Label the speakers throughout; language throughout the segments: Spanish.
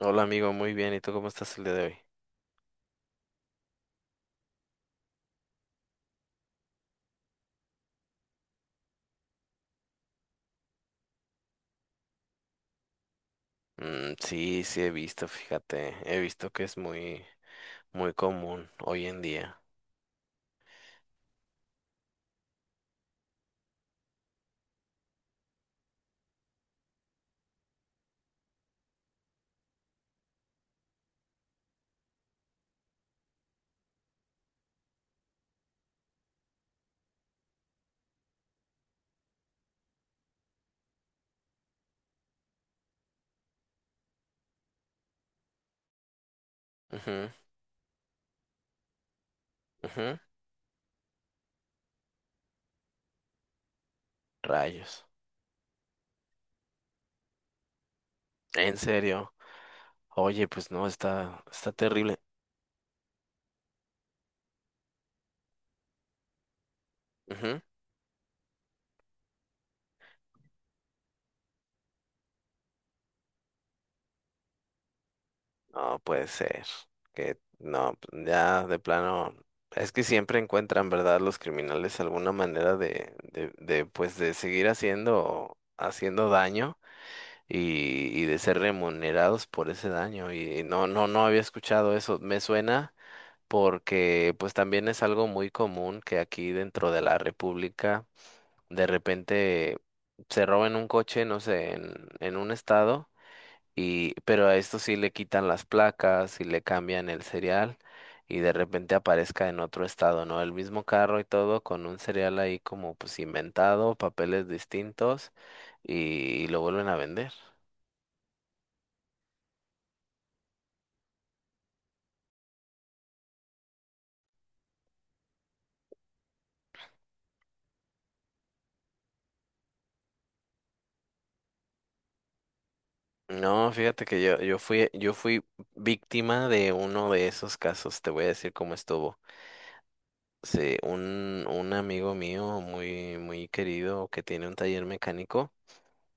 Speaker 1: Hola amigo, muy bien. ¿Y tú cómo estás el día de hoy? Mm, sí, sí he visto, fíjate, he visto que es muy común hoy en día. Ujú, ujú. Rayos. ¿En serio? Oye, pues no, está terrible. Ujú. No puede ser. Que no, pues, ya de plano. Es que siempre encuentran, ¿verdad? Los criminales alguna manera de, pues, de seguir haciendo daño. Y, y de ser remunerados por ese daño. Y no había escuchado eso. Me suena porque pues también es algo muy común que aquí dentro de la República de repente se roben un coche, no sé, en un estado, y, pero a esto sí le quitan las placas y le cambian el serial. Y de repente aparezca en otro estado, ¿no? El mismo carro y todo, con un serial ahí como pues inventado, papeles distintos, y lo vuelven a vender. No, fíjate que yo fui víctima de uno de esos casos, te voy a decir cómo estuvo. Sí, un amigo mío muy querido que tiene un taller mecánico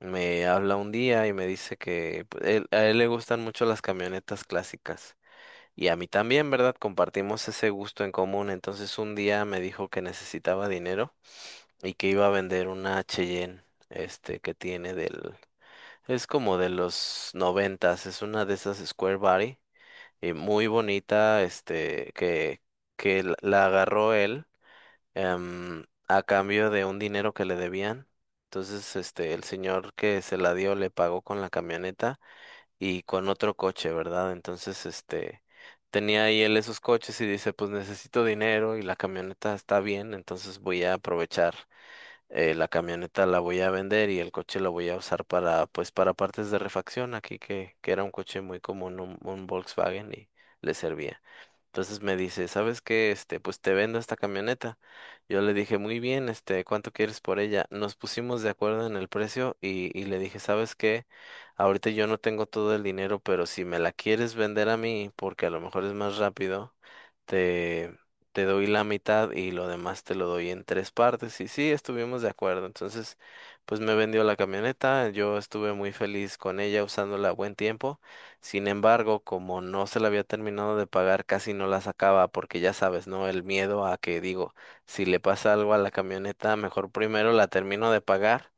Speaker 1: me habla un día y me dice que pues, a él le gustan mucho las camionetas clásicas y a mí también, ¿verdad? Compartimos ese gusto en común. Entonces un día me dijo que necesitaba dinero y que iba a vender una Cheyenne, este, que tiene del es como de los noventas, es una de esas Square Body, y muy bonita, este, que la agarró él, a cambio de un dinero que le debían. Entonces, este, el señor que se la dio le pagó con la camioneta y con otro coche, ¿verdad? Entonces, este, tenía ahí él esos coches y dice, pues necesito dinero y la camioneta está bien, entonces voy a aprovechar, la camioneta la voy a vender y el coche lo voy a usar para, pues, para partes de refacción aquí, que era un coche muy común, un Volkswagen y le servía. Entonces me dice, ¿sabes qué? Este, pues te vendo esta camioneta. Yo le dije, muy bien, este, ¿cuánto quieres por ella? Nos pusimos de acuerdo en el precio y le dije, ¿sabes qué? Ahorita yo no tengo todo el dinero, pero si me la quieres vender a mí, porque a lo mejor es más rápido, te doy la mitad y lo demás te lo doy en tres partes. Y sí, estuvimos de acuerdo. Entonces, pues me vendió la camioneta, yo estuve muy feliz con ella usándola a buen tiempo. Sin embargo, como no se la había terminado de pagar, casi no la sacaba porque ya sabes, ¿no? El miedo a que, digo, si le pasa algo a la camioneta, mejor primero la termino de pagar.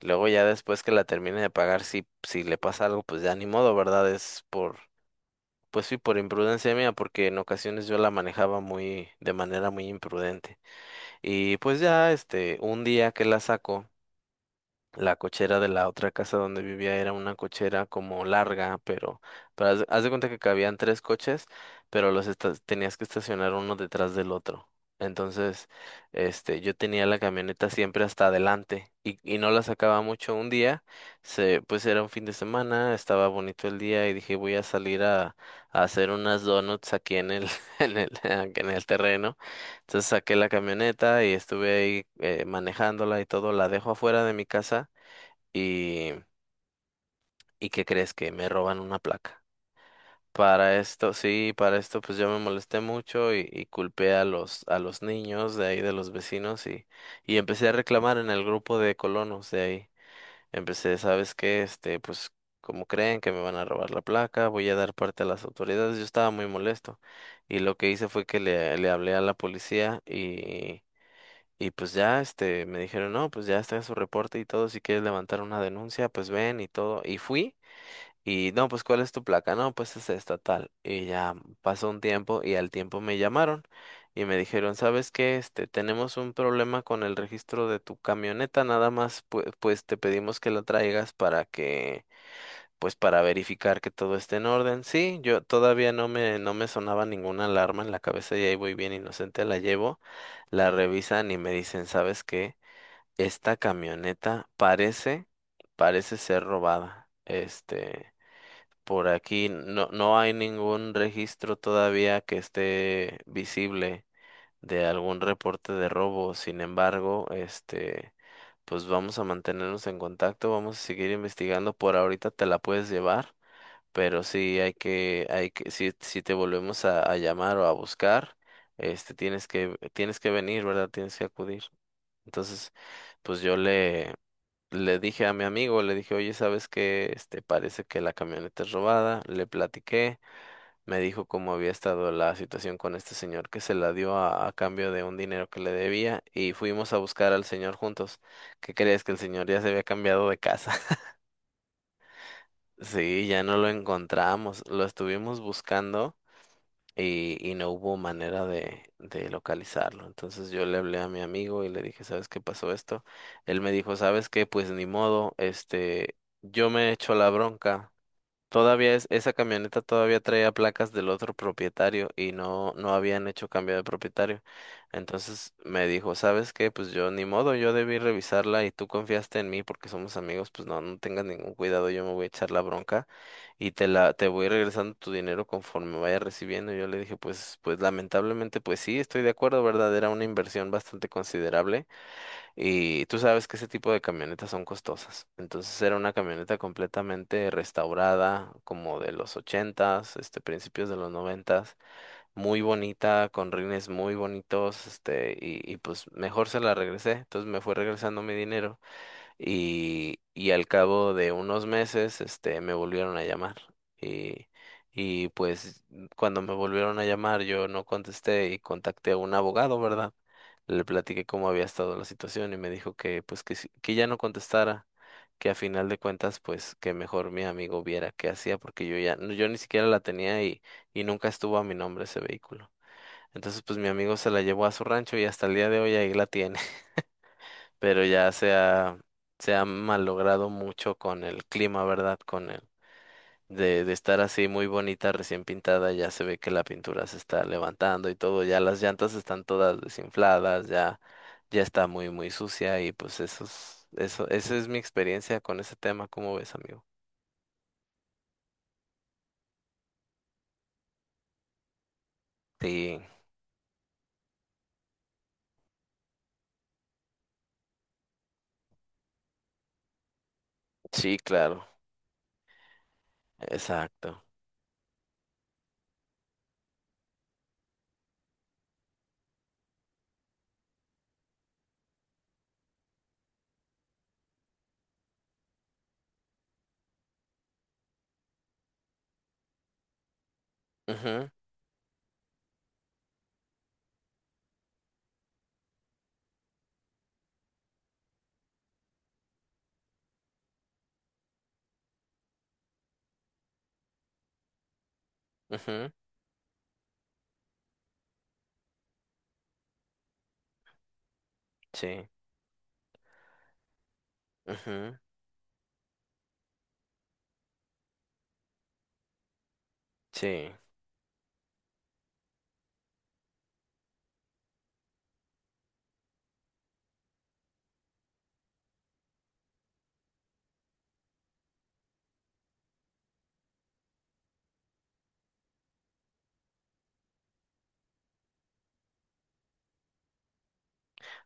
Speaker 1: Luego ya después que la termine de pagar, si le pasa algo, pues ya ni modo, ¿verdad? Es por Pues sí, por imprudencia mía, porque en ocasiones yo la manejaba muy, de manera muy imprudente. Y pues ya, este, un día que la saco. La cochera de la otra casa donde vivía era una cochera como larga, pero, de haz de cuenta que cabían tres coches, pero tenías que estacionar uno detrás del otro. Entonces, este, yo tenía la camioneta siempre hasta adelante y no la sacaba mucho un día, pues era un fin de semana, estaba bonito el día y dije voy a salir a hacer unas donuts aquí en el, en el terreno. Entonces saqué la camioneta y estuve ahí, manejándola y todo, la dejo afuera de mi casa y, ¿y qué crees que me roban una placa? Para esto, sí, para esto pues yo me molesté mucho y culpé a los niños de ahí, de los vecinos, y empecé a reclamar en el grupo de colonos de ahí. Empecé, ¿sabes qué? Este, pues, como creen que me van a robar la placa? Voy a dar parte a las autoridades. Yo estaba muy molesto y lo que hice fue que le hablé a la policía y pues ya, este, me dijeron, no, pues ya está su reporte y todo, si quieres levantar una denuncia, pues ven y todo. Y fui. Y no, pues ¿cuál es tu placa? No, pues es esta tal. Y ya pasó un tiempo y al tiempo me llamaron y me dijeron, ¿sabes qué? Este, tenemos un problema con el registro de tu camioneta, nada más pues, te pedimos que la traigas para que, pues, para verificar que todo esté en orden. Sí, yo todavía no me sonaba ninguna alarma en la cabeza y ahí voy bien inocente, la llevo, la revisan y me dicen, ¿sabes qué? Esta camioneta parece ser robada. Este, por aquí no, no hay ningún registro todavía que esté visible de algún reporte de robo. Sin embargo, este, pues vamos a mantenernos en contacto, vamos a seguir investigando. Por ahorita te la puedes llevar, pero sí si, si te volvemos a llamar o a buscar, este, tienes que venir, ¿verdad? Tienes que acudir. Entonces, pues le dije a mi amigo, le dije, oye, ¿sabes qué? Este, parece que la camioneta es robada. Le platiqué, me dijo cómo había estado la situación con este señor que se la dio a cambio de un dinero que le debía y fuimos a buscar al señor juntos. ¿Qué crees? Que el señor ya se había cambiado de casa. Sí, ya no lo encontramos, lo estuvimos buscando y no hubo manera de localizarlo. Entonces yo le hablé a mi amigo y le dije, ¿sabes qué? Pasó esto. Él me dijo, ¿sabes qué? Pues ni modo, este, yo me echo la bronca. Esa camioneta todavía traía placas del otro propietario y no, no habían hecho cambio de propietario. Entonces me dijo, ¿sabes qué? Pues yo ni modo, yo debí revisarla y tú confiaste en mí porque somos amigos, pues no, no tengas ningún cuidado, yo me voy a echar la bronca y te voy regresando tu dinero conforme vaya recibiendo. Yo le dije, pues lamentablemente, pues sí, estoy de acuerdo, ¿verdad? Era una inversión bastante considerable y tú sabes que ese tipo de camionetas son costosas. Entonces era una camioneta completamente restaurada, como de los ochentas, este, principios de los noventas, muy bonita, con rines muy bonitos, este, y pues mejor se la regresé. Entonces me fue regresando mi dinero y al cabo de unos meses, este, me volvieron a llamar y, y pues cuando me volvieron a llamar yo no contesté y contacté a un abogado, ¿verdad? Le platiqué cómo había estado la situación y me dijo que pues que, que ya no contestara, que a final de cuentas pues que mejor mi amigo viera qué hacía porque yo ni siquiera la tenía y nunca estuvo a mi nombre ese vehículo. Entonces pues mi amigo se la llevó a su rancho y hasta el día de hoy ahí la tiene, pero se ha malogrado mucho con el clima, ¿verdad? Con el de estar así muy bonita, recién pintada, ya se ve que la pintura se está levantando y todo, ya las llantas están todas desinfladas, ya, ya está muy sucia y pues esa es mi experiencia con ese tema, ¿cómo ves, amigo? Sí, sí, claro, exacto. Ujú, ujú, sí, ujú, sí.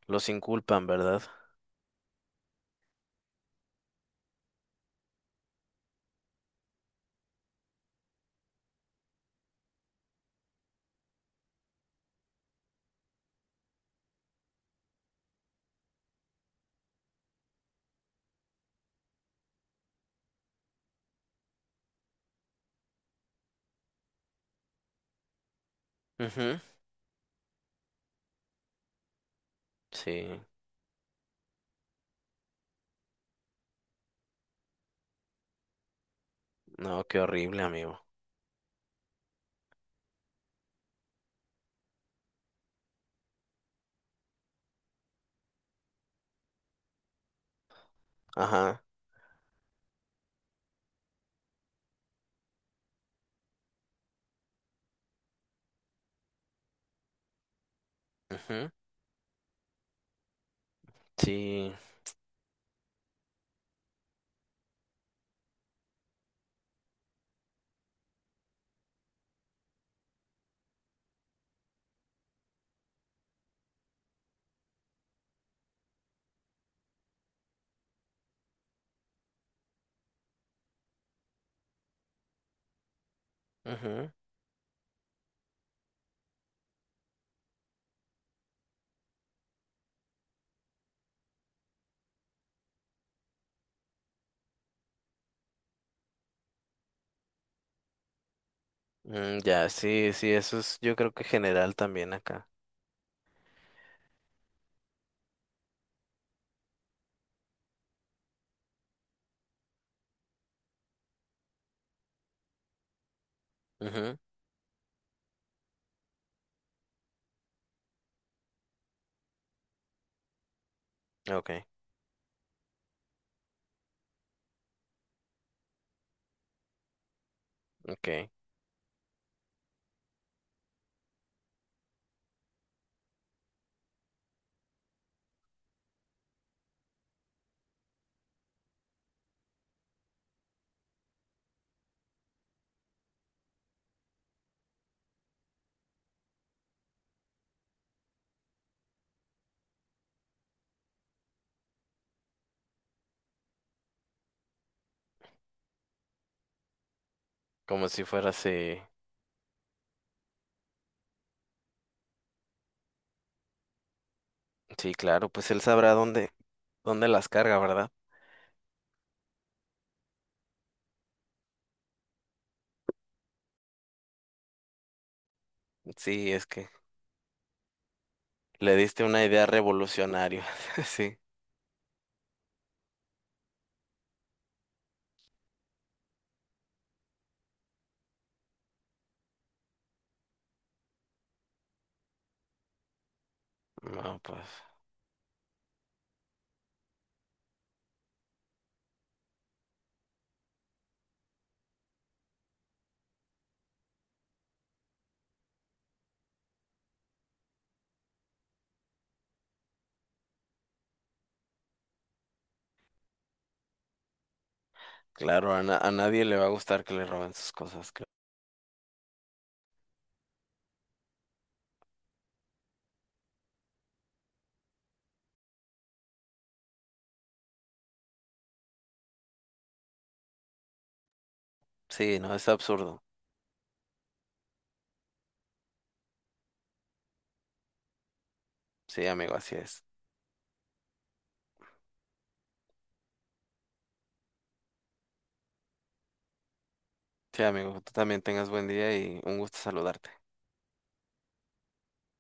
Speaker 1: Los inculpan, ¿verdad? Ujú, sí. No, qué horrible, amigo. Ajá. Ujú, sí, ujú, mm, ya, sí, sí, eso es, yo creo que general también acá. Ujú, ok, ok, como si fuera así. Sí, claro, pues él sabrá dónde, dónde las carga, ¿verdad? Sí, es que le diste una idea revolucionaria, sí. No, pues claro, a, a nadie le va a gustar que le roben sus cosas. Cl- Sí, no, es absurdo. Sí, amigo, así es. Sí, amigo, tú también tengas buen día y un gusto saludarte.